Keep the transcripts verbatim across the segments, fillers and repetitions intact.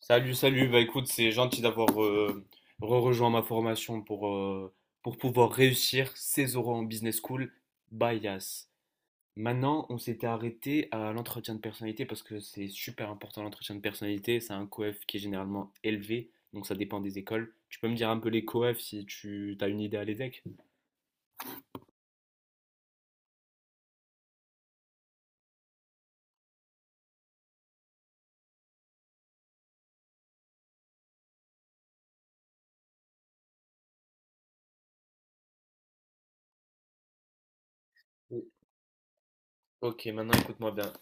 Salut, salut. Bah écoute, c'est gentil d'avoir euh, re-rejoint ma formation pour, euh, pour pouvoir réussir ses oraux en business school. Bias. Maintenant, on s'était arrêté à l'entretien de personnalité parce que c'est super important l'entretien de personnalité. C'est un coef qui est généralement élevé, donc ça dépend des écoles. Tu peux me dire un peu les coefs si tu as une idée à l'E D E C? Oui. Ok, maintenant écoute-moi bien.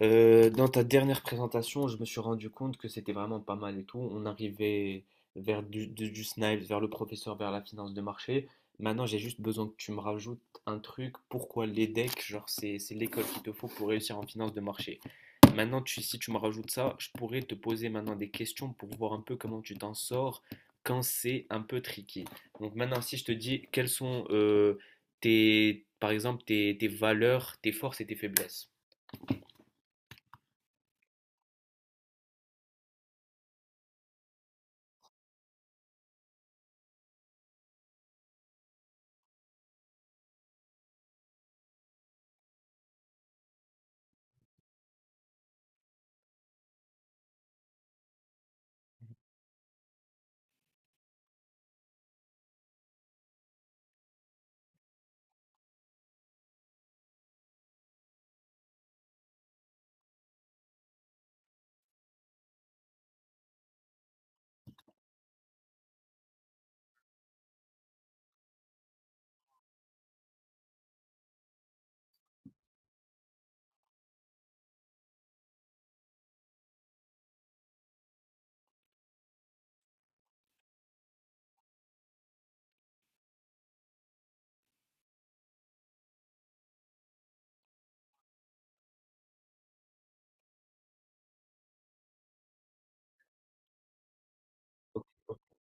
Euh, dans ta dernière présentation, je me suis rendu compte que c'était vraiment pas mal et tout. On arrivait vers du, du, du Snipes, vers le professeur, vers la finance de marché. Maintenant, j'ai juste besoin que tu me rajoutes un truc. Pourquoi l'E D E C, genre, c'est, c'est l'école qu'il te faut pour réussir en finance de marché. Maintenant, tu, si tu me rajoutes ça, je pourrais te poser maintenant des questions pour voir un peu comment tu t'en sors quand c'est un peu tricky. Donc maintenant, si je te dis quelles sont euh, tes, par exemple, tes, tes valeurs, tes forces et tes faiblesses.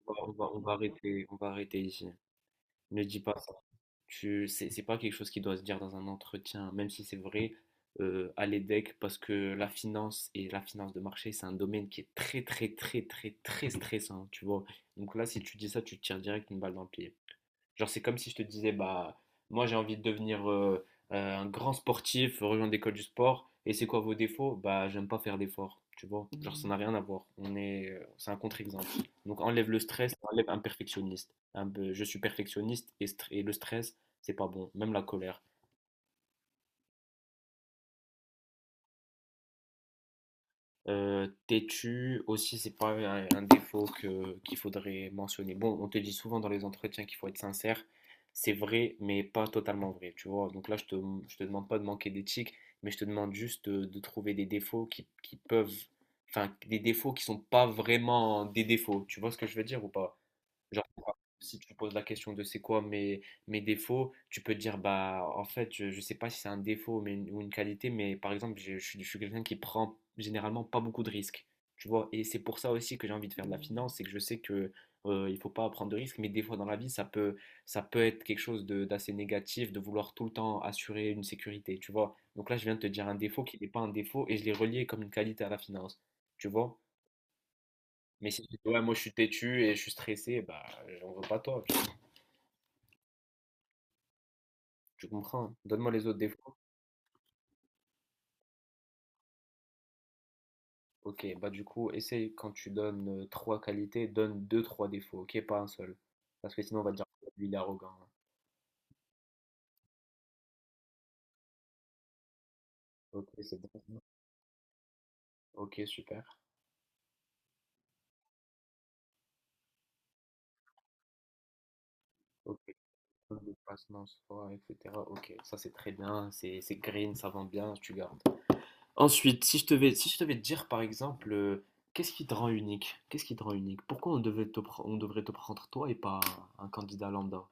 On va, on va- on va arrêter, on va arrêter ici. Ne dis pas ça. Tu, c'est, c'est pas quelque chose qui doit se dire dans un entretien, même si c'est vrai, euh, à l'E D E C, parce que la finance et la finance de marché, c'est un domaine qui est très, très, très, très, très stressant, tu vois. Donc là, si tu dis ça, tu te tires direct une balle dans le pied. Genre, c'est comme si je te disais, bah, moi j'ai envie de devenir euh, euh, un grand sportif, rejoindre l'école du sport. Et c'est quoi vos défauts? Bah, j'aime pas faire d'efforts, tu vois. Genre, ça n'a rien à voir. On est, euh, c'est un contre-exemple. Donc, enlève le stress, enlève un perfectionniste. Un peu- je suis perfectionniste et, stre- et le stress, c'est pas bon. Même la colère. Euh, têtu aussi, c'est pas un, un défaut que, qu'il faudrait mentionner. Bon, on te dit souvent dans les entretiens qu'il faut être sincère. C'est vrai, mais pas totalement vrai, tu vois. Donc là, je te, je te demande pas de manquer d'éthique, mais je te demande juste de, de trouver des défauts qui, qui peuvent… Enfin, des défauts qui sont pas vraiment des défauts. Tu vois ce que je veux dire ou pas? Genre, si tu poses la question de c'est quoi mes, mes défauts, tu peux te dire, bah, en fait, je, je sais pas si c'est un défaut mais, une- ou une qualité, mais par exemple, je, je, suis je suis quelqu'un qui prend généralement pas beaucoup de risques. Tu vois, et c'est pour ça aussi que j'ai envie de faire de la finance, c'est que je sais que euh, il faut pas prendre de risques, mais des fois dans la vie, ça peut, ça peut être quelque chose de- d'assez négatif de vouloir tout le temps assurer une sécurité, tu vois. Donc là, je viens de te dire un défaut qui n'est pas un défaut et je l'ai relié comme une qualité à la finance, tu vois. Mais si tu dis, ouais, moi je suis têtu et je suis stressé, bah j'en veux pas toi, tu, tu comprends. Hein. Donne-moi les autres défauts. Ok, bah du coup, essaye quand tu donnes euh, trois qualités, donne deux, trois défauts, ok, pas un seul. Parce que sinon on va te dire, oh, lui il est arrogant. Ok, c'est bon. Ok, super. Ok, code de passe, non, c'est pas, et cetera. Ok, ça c'est très bien, c'est c'est green, ça vend bien, tu gardes. Ensuite, si je te vais, si je devais te dire par exemple, euh, qu'est-ce qui te rend unique? Qu'est-ce qui te rend unique? Pourquoi on devait te pr- on devrait te prendre toi et pas un candidat lambda?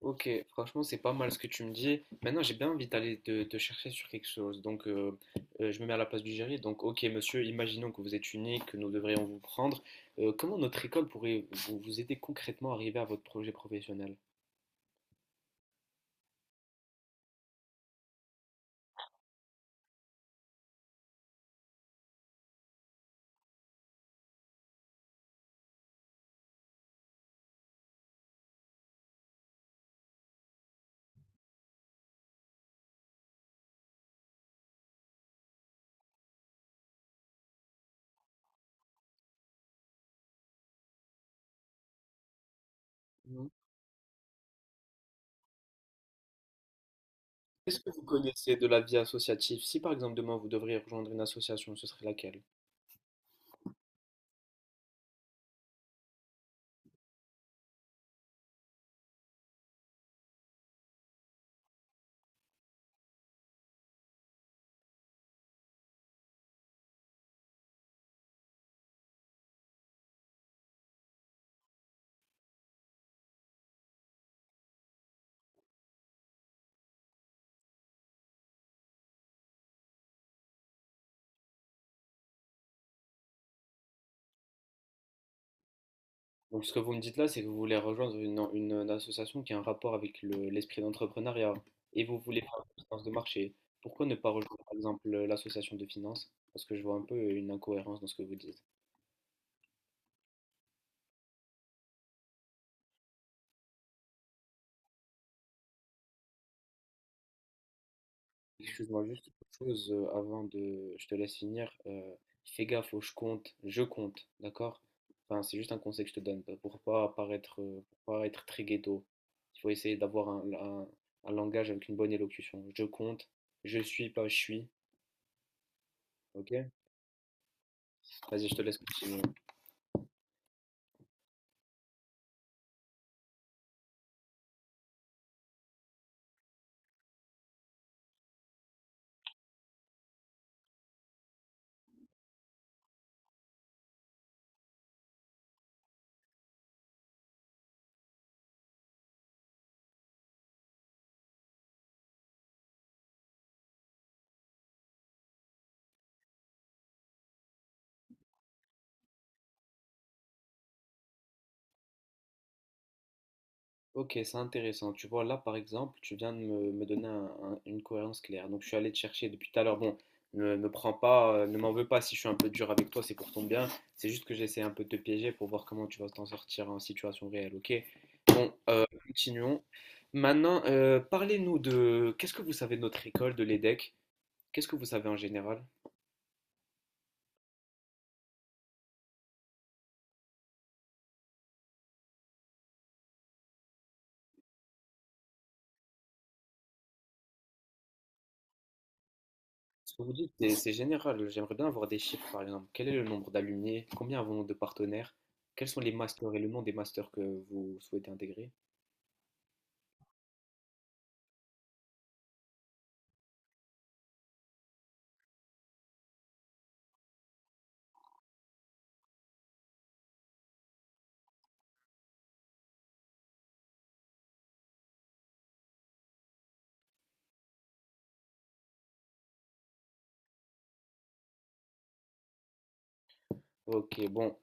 Ok, franchement, c'est pas mal ce que tu me dis. Maintenant, j'ai bien envie d'aller te, te chercher sur quelque chose. Donc, euh, euh, je me mets à la place du jury. Donc, ok, monsieur, imaginons que vous êtes unique, que nous devrions vous prendre. Euh, comment notre école pourrait vous, vous aider concrètement à arriver à votre projet professionnel? Mhm. Qu'est-ce que vous connaissez de la vie associative? Si, par exemple, demain, vous devriez rejoindre une association, ce serait laquelle? Donc, ce que vous me dites là, c'est que vous voulez rejoindre une, une association qui a un rapport avec le- l'esprit d'entrepreneuriat et vous voulez faire de la finance de marché. Pourquoi ne pas rejoindre, par exemple, l'association de finance? Parce que je vois un peu une incohérence dans ce que vous dites. Excuse-moi juste une chose euh, avant de… Je te laisse finir. Euh, fais gaffe au je compte, je compte, d'accord? Enfin, c'est juste un conseil que je te donne euh, pour pas paraître, euh, pour pas être très ghetto. Il faut essayer d'avoir un, un un langage avec une bonne élocution. Je compte, je suis, pas je suis, ok? Vas-y, je te laisse continuer. Ok, c'est intéressant. Tu vois, là, par exemple, tu viens de me, me donner un- un- une cohérence claire. Donc, je suis allé te chercher depuis tout à l'heure. Bon, ne me prends pas, euh, ne m'en veux pas si je suis un peu dur avec toi, c'est pour ton bien. C'est juste que j'essaie un peu de te piéger pour voir comment tu vas t'en sortir en situation réelle, ok? Bon, euh, continuons. Maintenant, euh, parlez-nous de… Qu'est-ce que vous savez de notre école, de l'E D E C? Qu'est-ce que vous savez en général? Ce que vous dites, c'est c'est général. J'aimerais bien avoir des chiffres, par exemple. Quel est le nombre d'alumni? Combien avons-nous de partenaires? Quels sont les masters et le nom des masters que vous souhaitez intégrer? Ok, bon,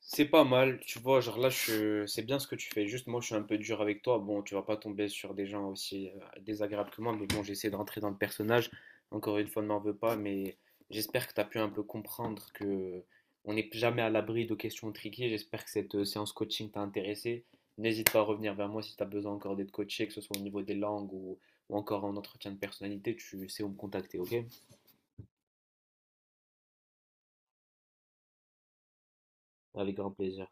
c'est pas mal, tu vois, genre là, je… c'est bien ce que tu fais. Juste, moi, je suis un peu dur avec toi. Bon, tu vas pas tomber sur des gens aussi euh, désagréables que moi, mais bon, j'essaie de rentrer dans le personnage. Encore une fois, ne m'en veux pas, mais j'espère que tu as pu un peu comprendre que on n'est jamais à l'abri de questions triquées. J'espère que cette euh, séance coaching t'a intéressé. N'hésite pas à revenir vers moi si tu as besoin encore d'être coaché, que ce soit au niveau des langues ou, ou encore en entretien de personnalité. Tu sais où me contacter, ok? Avec grand plaisir.